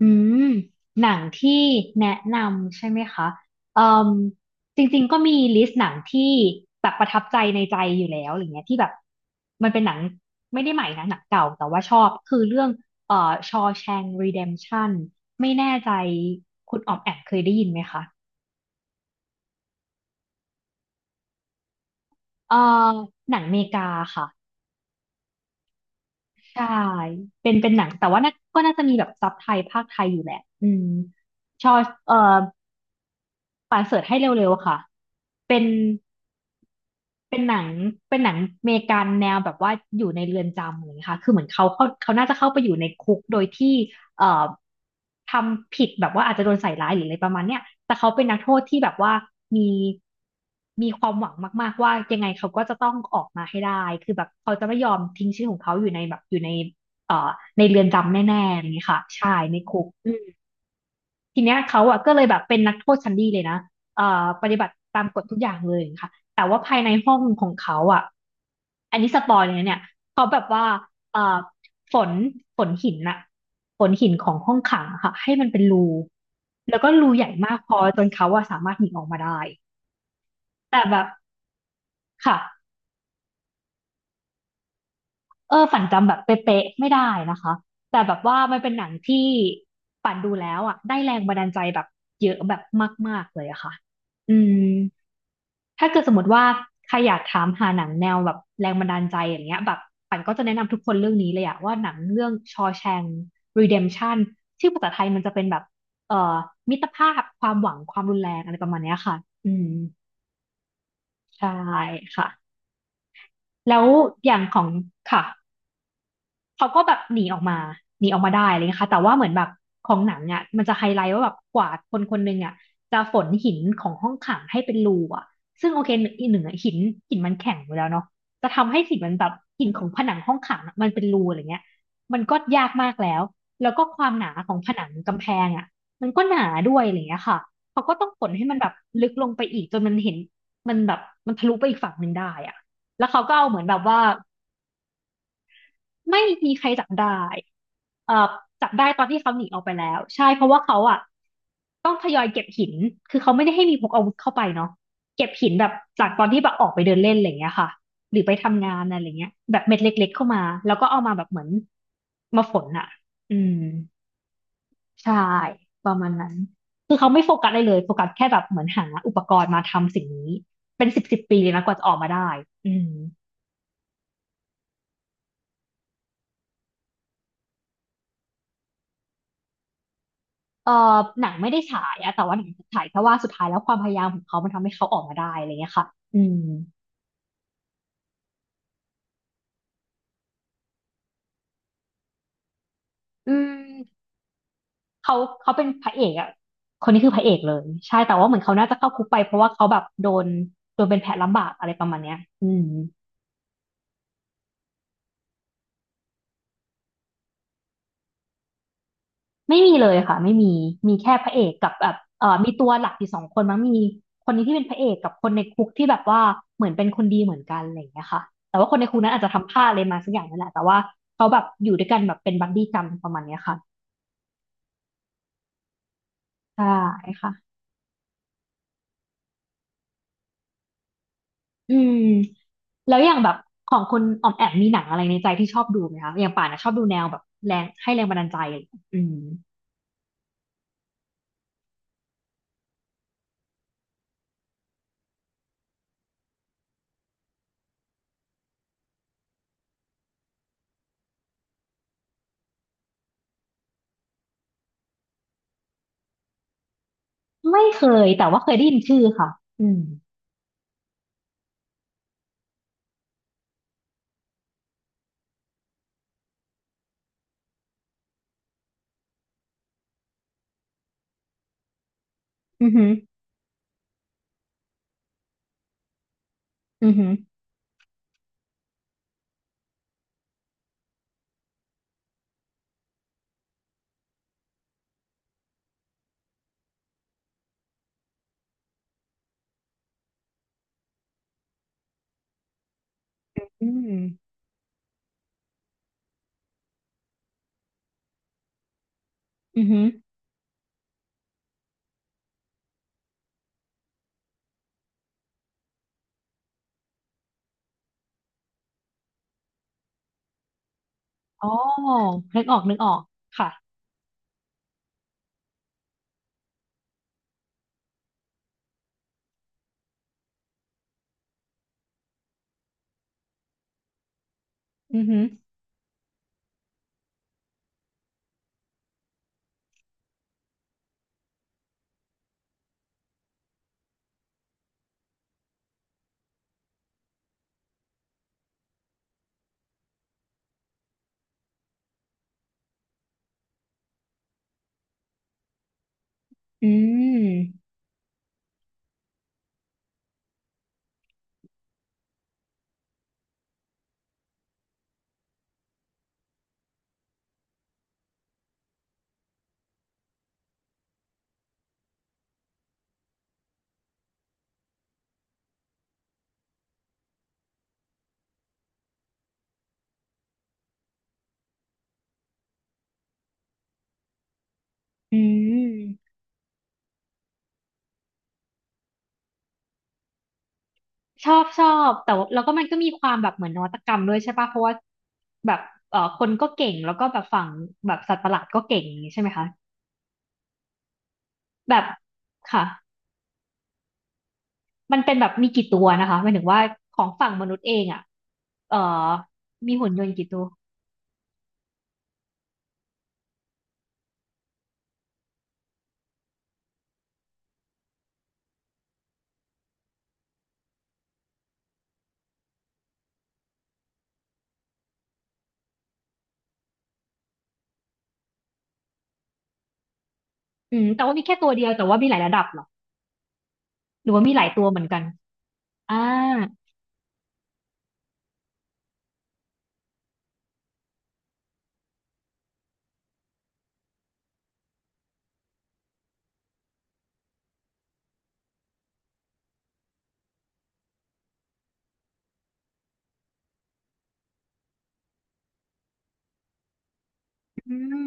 อืมหนังที่แนะนำใช่ไหมคะเอ่มจริงๆก็มีลิสต์หนังที่แบบประทับใจในใจอยู่แล้วอะไรเงี้ยที่แบบมันเป็นหนังไม่ได้ใหม่นะหนังเก่าแต่ว่าชอบคือเรื่องเอ่อ Shawshank Redemption ไม่แน่ใจคุณออมแอมเคยได้ยินไหมคะเอ่อหนังเมกาค่ะใช่เป็นหนังแต่ว่าน่าก็น่าจะมีแบบซับไทยภาคไทยอยู่แหละอืมชอเอ่อป่านเสิร์ชให้เร็วๆค่ะเป็น เป็นหนังเป็นหนังอเมริกันแนวแบบว่าอยู่ในเรือนจำเงียค่ะคือเหมือนเขาน่าจะเข้าไปอยู่ในคุกโดยที่เอ่อทำผิดแบบว่าอาจจะโดนใส่ร้ายหรืออะไรประมาณเนี้ยแต่เขาเป็นนักโทษที่แบบว่ามีมีความหวังมากๆว่ายังไงเขาก็จะต้องออกมาให้ได้คือแบบเขาจะไม่ยอมทิ้งชื่อของเขาอยู่ในแบบอยู่ในเรือนจำแน่ๆอย่างนี้ยค่ะใช่ในคุก ทีเนี้ยเขาอ่ะก็เลยแบบเป็นนักโทษชั้นดีเลยนะปฏิบัติตามกฎทุกอย่างเลยค่ะแต่ว่าภายในห้องของเขาอ่ะอันนี้สปอยเลยนะเนี่ยเขาแบบว่าเอ่อฝนฝนหินน่ะฝนหินของห้องขังอะค่ะให้มันเป็นรูแล้วก็รูใหญ่มากพอจนเขาอะสามารถหนีออกมาได้แต่แบบค่ะเออฝันจำแบบเป๊ะๆไม่ได้นะคะแต่แบบว่ามันเป็นหนังที่ปั่นดูแล้วอ่ะได้แรงบันดาลใจแบบเยอะแบบมากๆเลยอะค่ะอืม ถ้าเกิดสมมติว่าใครอยากถามหาหนังแนวแบบแรงบันดาลใจอย่างเงี้ยแบบปั่นก็จะแนะนำทุกคนเรื่องนี้เลยอะว่าหนังเรื่อง Shawshank Redemption ชื่อภาษาไทยมันจะเป็นแบบเอ่อมิตรภาพความหวังความรุนแรงอะไรประมาณเนี้ยค่ะอืมใช่ค่ะแล้วอย่างของค่ะ เขาก็แบบหนีออกมาหนีออกมาได้อะไรเลยค่ะแต่ว่าเหมือนแบบของหนังเนี่ยมันจะไฮไลท์ว่าแบบกว่าคนคนหนึ่งอ่ะจะฝนหินของห้องขังให้เป็นรูอ่ะซึ่งโอเคหนึ่งอีกหนึ่งอะหินหินมันแข็งอยู่แล้วเนาะจะทำให้หินมันแบบหินของผนังห้องขังอะมันเป็นรูอะไรเงี้ยมันก็ยากมากแล้วแล้วก็ความหนาของผนังกำแพงอ่ะมันก็หนาด้วยอะไรเงี้ยค่ะเขาก็ต้องฝนให้มันแบบลึกลงไปอีกจนมันเห็นมันแบบมันทะลุไปอีกฝั่งหนึ่งได้อ่ะแล้วเขาก็เอาเหมือนแบบว่า ไม่มีใครจับได้เอ่อจับได้ตอนที่เขาหนีออกไปแล้วใช่เพราะว่าเขาอ่ะต้องทยอยเก็บหินคือเขาไม่ได้ให้มีพกอาวุธเข้าไปเนาะเก็บหินแบบจากตอนที่แบบออกไปเดินเล่นอะไรอย่างเงี้ยค่ะหรือไปทำงานอะไรเงี้ยแบบเม็ดเล็กๆเข้ามาแล้วก็เอามาแบบเหมือนมาฝนอ่ะอืมใช่ประมาณนั้นคือเขาไม่โฟกัสอะไรเลยโฟกัสแค่แบบเหมือนหาอุปกรณ์มาทำสิ่งนี้เป็นสิบสิบปีเลยนะกว่าจะออกมาได้อืม เออหนังไม่ได้ฉายอะแต่ว่าหนังฉายแค่ว่าสุดท้ายแล้วความพยายามของเขามันทำให้เขาออกมาได้อะไรเงี้ยค่ะอืมอืมเขาเขาเป็นพระเอกอะคนนี้คือพระเอกเลยใช่แต่ว่าเหมือนเขาน่าจะเข้าคุกไปเพราะว่าเขาแบบโดนโดนเป็นแผลลำบากอะไรประมาณเนี้ยอืมไม่มีเลยค่ะไม่มีมีแค่พระเอกกับแบบมีตัวหลักอยู่สองคนมั้งมีคนนี้ที่เป็นพระเอกกับคนในคุกที่แบบว่าเหมือนเป็นคนดีเหมือนกันอะไรอย่างเงี้ยค่ะแต่ว่าคนในคุกนั้นอาจจะทำพลาดอะไรมาสักอย่างนั่นแหละแต่ว่าเขาแบบอยู่ด้วยกันแบบเป็นบัดดี้กันประมาณเนี้ยค่ะ ใช่ค่ะอืมแล้วอย่างแบบของคุณออมแอมมีหนังอะไรในใจที่ชอบดูไหมคะอย่างป่านนะชอบดูแนวแบบแรงให้แรงบันดาลใจอะไรอย่างเงี้ยอืมไม่เคยแต่ว่าเคยได้ยินชื่อค่ะอืมอือหืออือหืออืมอือหืออ๋อนึกออกนึกออกค่ะอือหืออืมอืมชอบชอบแต่ว่าแล้วก็มันก็มีความแบบเหมือนนวัตกรรมด้วยใช่ป่ะเพราะว่าแบบคนก็เก่งแล้วก็แบบฝั่งแบบสัตว์ประหลาดก็เก่งอย่างงี้ใช่ไหมคะแบบค่ะ มันเป็นแบบมีกี่ตัวนะคะหมายถึงว่าของฝั่งมนุษย์เองอ่ะเอ่อมีหุ่นยนต์กี่ตัวอืมแต่ว่ามีแค่ตัวเดียวแต่ว่ามีหลายระดับเหรอหรือว่ามีหลายตัวเหมือนกันอ่าอืม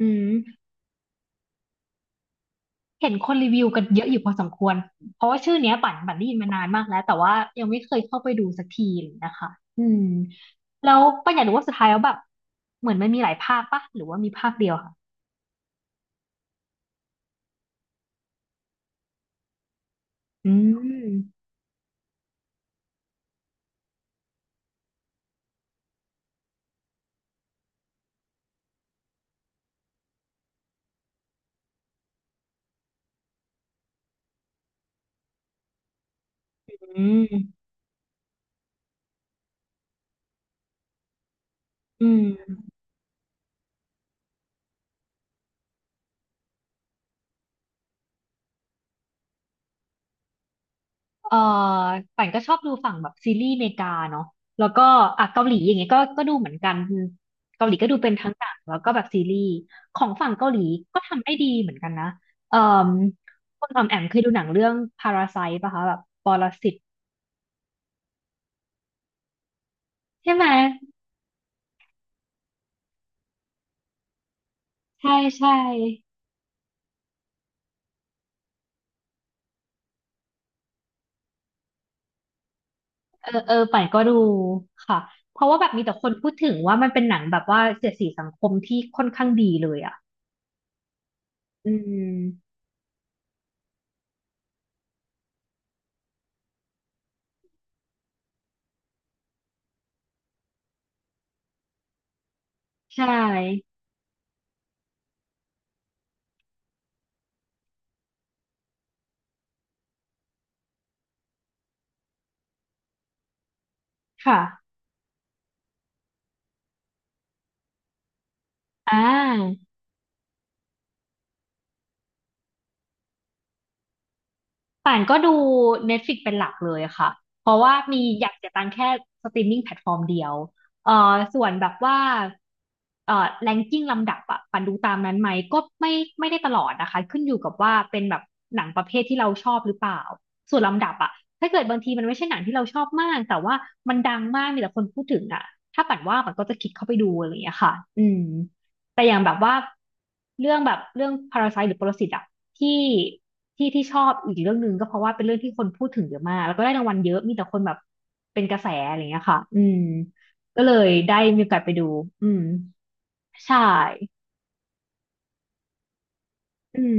อืมเห็นคนรีวิวกันเยอะอยู่พอสมควรเพราะว่าชื่อเนี้ยปั่นปั่นได้ยินมานานมากแล้วแต่ว่ายังไม่เคยเข้าไปดูสักทีเลยนะคะอืมแล้วปั่นอยากรู้ว่าสุดท้ายแล้วแบบเหมือนมันมีหลายภาคปะหรือว่ามีภาคเดียวค่ะอืมอืมอืม เออป่านก็ชอบดูฝั่งแบบซีรีส์อเมริกาเนาะแล้วก็อ่ะเกาหลีอย่างเงี้ยก็ดูเหมือนกันเกาหลีก็ดูเป็นทั้งหนังแล้วก็แบบซีรีส์ของฝั่งเกาหลีก็ทำได้ดีเหมือนกันนะเอ่อคุณออมแอมเคยดูหนังเรื่องพาราไซต์ป่ะคะแบบปรสิตใช่ไหมใช่ใช่เออเออป่านก็ดูค่ะเพราะว่าแบบมีแต่คนพูดถึงว่ามันเป็นหนังแบบว่าเสียดสีสังคมที่ค่อนข้างดีเลยอ่ะอืมใช่ค่ะอ่า ป่านก็ดู Netflix เป็นหลักเลยค่ะ เพราะว่ามีอยากเสียตังค์แค่สตรีมมิ่งแพลตฟอร์มเดียวส่วนแบบว่าแรงกิ้งลำดับอะป่านดูตามนั้นไหมก็ไม่ไม่ได้ตลอดนะคะขึ้นอยู่กับว่าเป็นแบบหนังประเภทที่เราชอบหรือเปล่าส่วนลำดับอะถ้าเกิดบางทีมันไม่ใช่หนังที่เราชอบมากแต่ว่ามันดังมากมีแต่คนพูดถึงอะถ้าป่านว่าป่านก็จะคลิกเข้าไปดูอะไรอย่างเงี้ยค่ะอืม แต่อย่างแบบว่าเรื่องแบบเรื่องพาราไซต์หรือปรสิตอะที่ที่ที่ชอบอีกเรื่องหนึ่งก็เพราะว่าเป็นเรื่องที่คนพูดถึงเยอะมากแล้วก็ได้รางวัลเยอะมีแต่คนแบบเป็นกระแสอะไรอย่างเงี้ยค่ะอืมก็เลยได้มีโอกาสไปดูอืมใช่อืม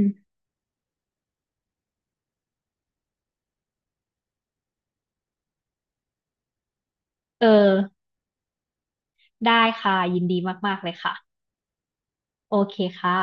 เออได้ค่ะยินดีมากๆเลยค่ะโอเคค่ะ